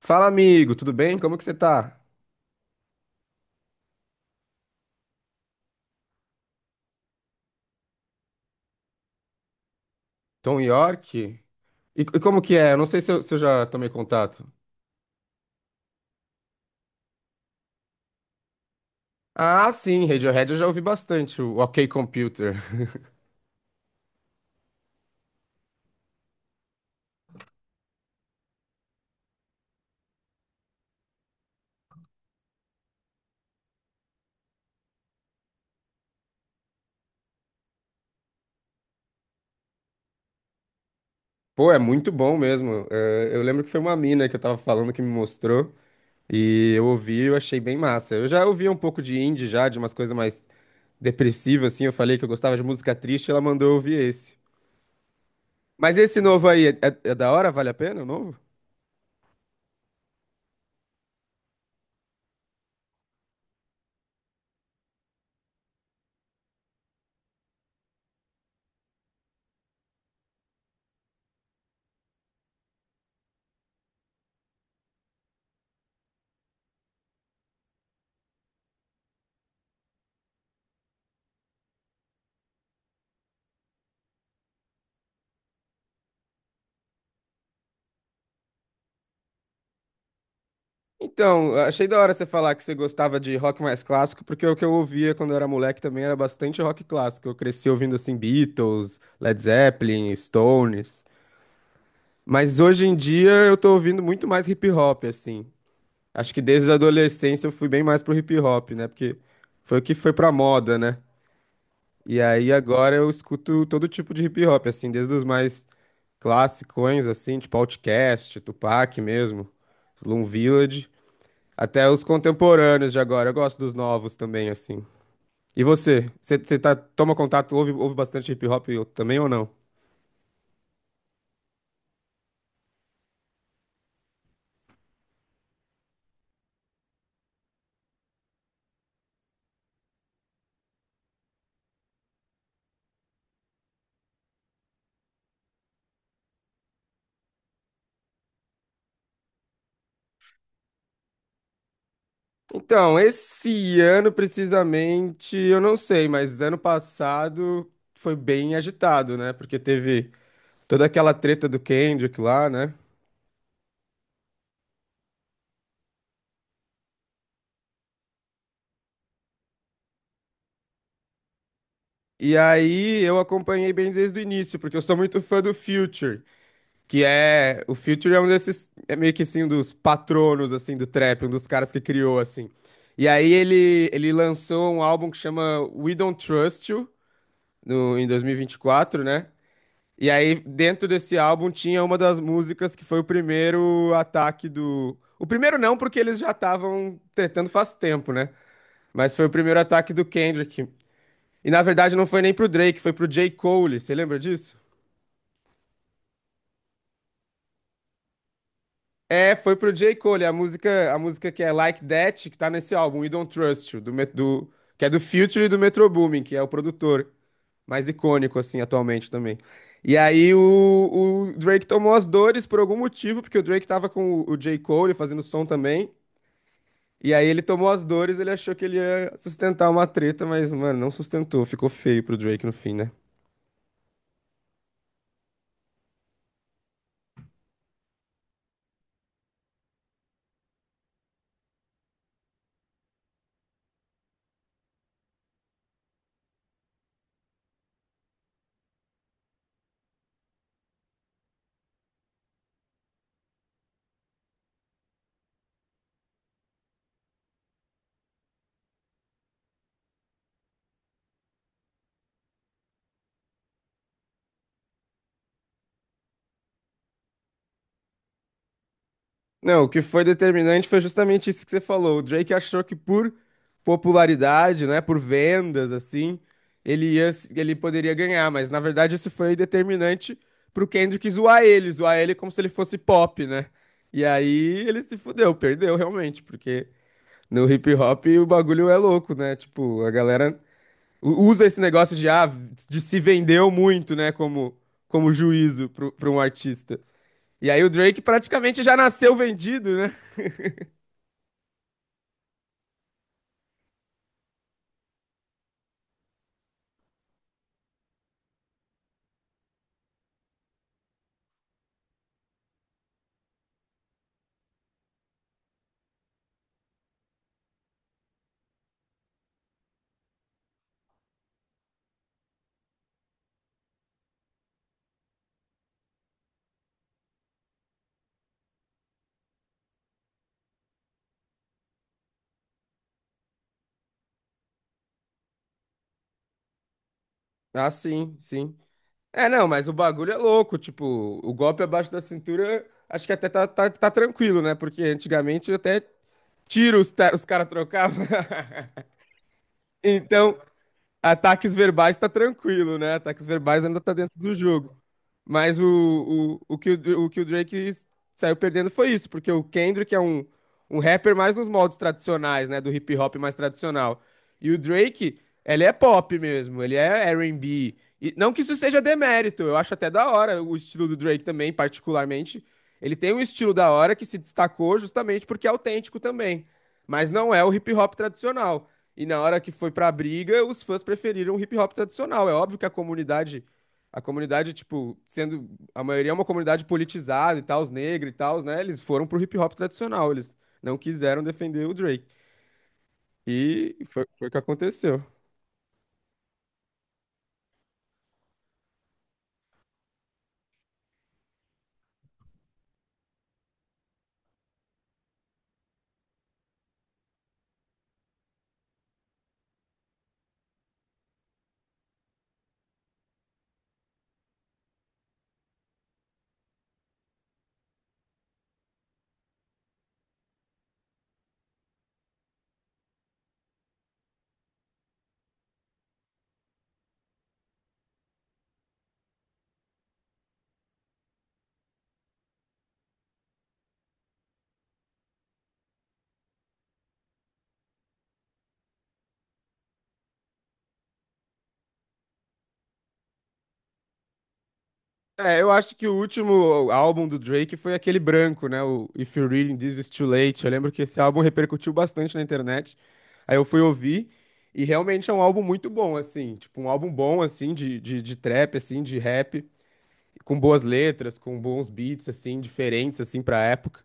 Fala, amigo, tudo bem? Como que você tá? Tom York? E como que é? Eu não sei se eu já tomei contato. Ah, sim, Radiohead eu já ouvi bastante, o OK Computer. Pô, é muito bom mesmo. É, eu lembro que foi uma mina que eu tava falando que me mostrou, e eu ouvi e eu achei bem massa. Eu já ouvia um pouco de indie já, de umas coisas mais depressivas, assim, eu falei que eu gostava de música triste, ela mandou eu ouvir esse. Mas esse novo aí, é da hora? Vale a pena o novo? Então, achei da hora você falar que você gostava de rock mais clássico, porque o que eu ouvia quando eu era moleque também era bastante rock clássico. Eu cresci ouvindo assim Beatles, Led Zeppelin, Stones. Mas hoje em dia eu tô ouvindo muito mais hip hop, assim. Acho que desde a adolescência eu fui bem mais pro hip hop, né? Porque foi o que foi pra moda, né? E aí agora eu escuto todo tipo de hip hop, assim, desde os mais classicões, assim, tipo Outkast, Tupac mesmo, Slum Village. Até os contemporâneos de agora. Eu gosto dos novos também, assim. E você? Você tá, toma contato, ouve, ouve bastante hip hop também ou não? Então, esse ano precisamente, eu não sei, mas ano passado foi bem agitado, né? Porque teve toda aquela treta do Kendrick lá, né? E aí eu acompanhei bem desde o início, porque eu sou muito fã do Future. Que é. O Future é um desses. É meio que assim, um dos patronos, assim, do trap, um dos caras que criou, assim. E aí ele lançou um álbum que chama We Don't Trust You, no, em 2024, né? E aí, dentro desse álbum, tinha uma das músicas que foi o primeiro ataque do. O primeiro não, porque eles já estavam tretando faz tempo, né? Mas foi o primeiro ataque do Kendrick. E na verdade não foi nem pro Drake, foi pro J. Cole. Você lembra disso? É, foi pro J. Cole, a música que é Like That, que tá nesse álbum, We Don't Trust You, que é do Future e do Metro Boomin, que é o produtor mais icônico, assim, atualmente também. E aí o Drake tomou as dores por algum motivo, porque o Drake tava com o J. Cole fazendo som também, e aí ele tomou as dores, ele achou que ele ia sustentar uma treta, mas, mano, não sustentou, ficou feio pro Drake no fim, né? Não, o que foi determinante foi justamente isso que você falou. O Drake achou que por popularidade, né, por vendas, assim, ele ia, ele poderia ganhar, mas na verdade isso foi determinante pro Kendrick zoar ele como se ele fosse pop, né? E aí ele se fudeu, perdeu realmente, porque no hip hop o bagulho é louco, né? Tipo, a galera usa esse negócio de, ah, de se vendeu muito, né, como, como juízo pra um artista. E aí o Drake praticamente já nasceu vendido, né? Ah, sim, sim. É, não, mas o bagulho é louco, tipo, o golpe abaixo da cintura, acho que até tá tranquilo, né? Porque antigamente até tiro os caras trocavam. Então, ataques verbais tá tranquilo, né? Ataques verbais ainda tá dentro do jogo. Mas o que o Drake saiu perdendo foi isso, porque o Kendrick é um rapper mais nos moldes tradicionais, né? Do hip hop mais tradicional. E o Drake, ele é pop mesmo, ele é R&B. E B. E não que isso seja demérito, eu acho até da hora o estilo do Drake também, particularmente. Ele tem um estilo da hora que se destacou justamente porque é autêntico também, mas não é o hip hop tradicional. E na hora que foi pra briga, os fãs preferiram o hip hop tradicional. É óbvio que a comunidade, tipo, sendo a maioria é uma comunidade politizada e tal, os negros e tal, né? Eles foram pro hip hop tradicional, eles não quiseram defender o Drake. E foi o que aconteceu. É, eu acho que o último álbum do Drake foi aquele branco, né? O If You're Reading This It's Too Late. Eu lembro que esse álbum repercutiu bastante na internet. Aí eu fui ouvir e realmente é um álbum muito bom, assim. Tipo, um álbum bom, assim, de trap, assim, de rap. Com boas letras, com bons beats assim, diferentes assim para época.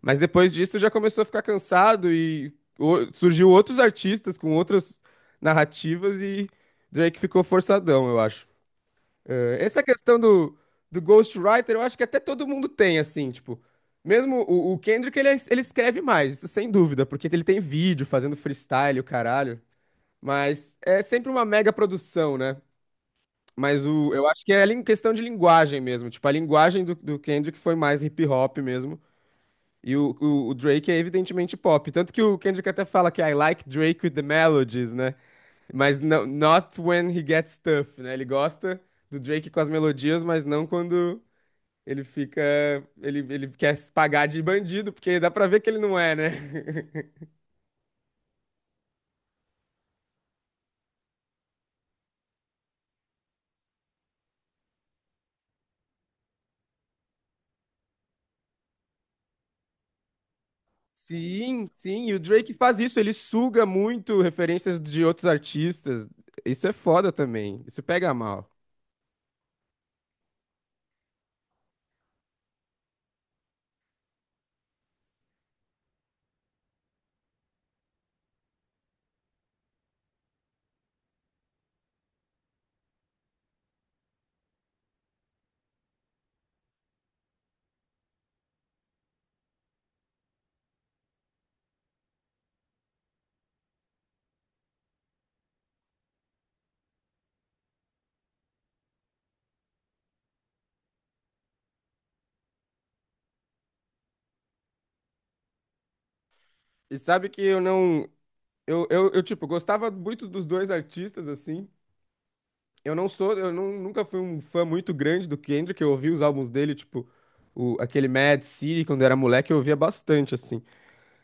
Mas depois disso já começou a ficar cansado e surgiu outros artistas com outras narrativas e Drake ficou forçadão, eu acho. Essa questão do ghostwriter, eu acho que até todo mundo tem, assim, tipo, mesmo o Kendrick, ele escreve mais, isso sem dúvida, porque ele tem vídeo fazendo freestyle, o caralho, mas é sempre uma mega produção, né? Mas o, eu acho que é em questão de linguagem mesmo. Tipo, a linguagem do Kendrick foi mais hip hop mesmo. E o Drake é evidentemente pop. Tanto que o Kendrick até fala que I like Drake with the melodies, né? Mas não, not when he gets tough, né? Ele gosta do Drake com as melodias, mas não quando ele fica. Ele quer se pagar de bandido, porque dá pra ver que ele não é, né? Sim, sim. E o Drake faz isso. Ele suga muito referências de outros artistas. Isso é foda também. Isso pega mal. E sabe que eu não. Tipo, gostava muito dos dois artistas, assim. Eu não sou. Eu não, nunca fui um fã muito grande do Kendrick. Eu ouvi os álbuns dele, tipo, o, aquele Mad City, quando eu era moleque, eu ouvia bastante, assim.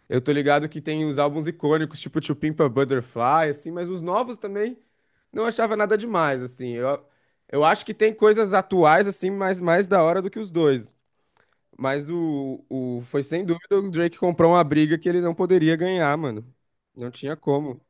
Eu tô ligado que tem os álbuns icônicos, tipo To Pimp a Butterfly, assim, mas os novos também não achava nada demais, assim. Eu acho que tem coisas atuais, assim, mais da hora do que os dois. Mas o. Foi sem dúvida o Drake comprou uma briga que ele não poderia ganhar, mano. Não tinha como.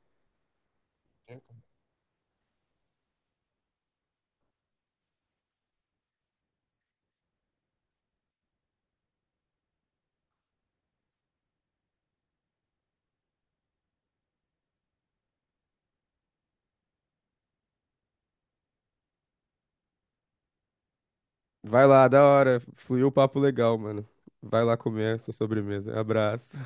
Vai lá, da hora. Fluiu o papo legal, mano. Vai lá comer essa sobremesa. Abraço.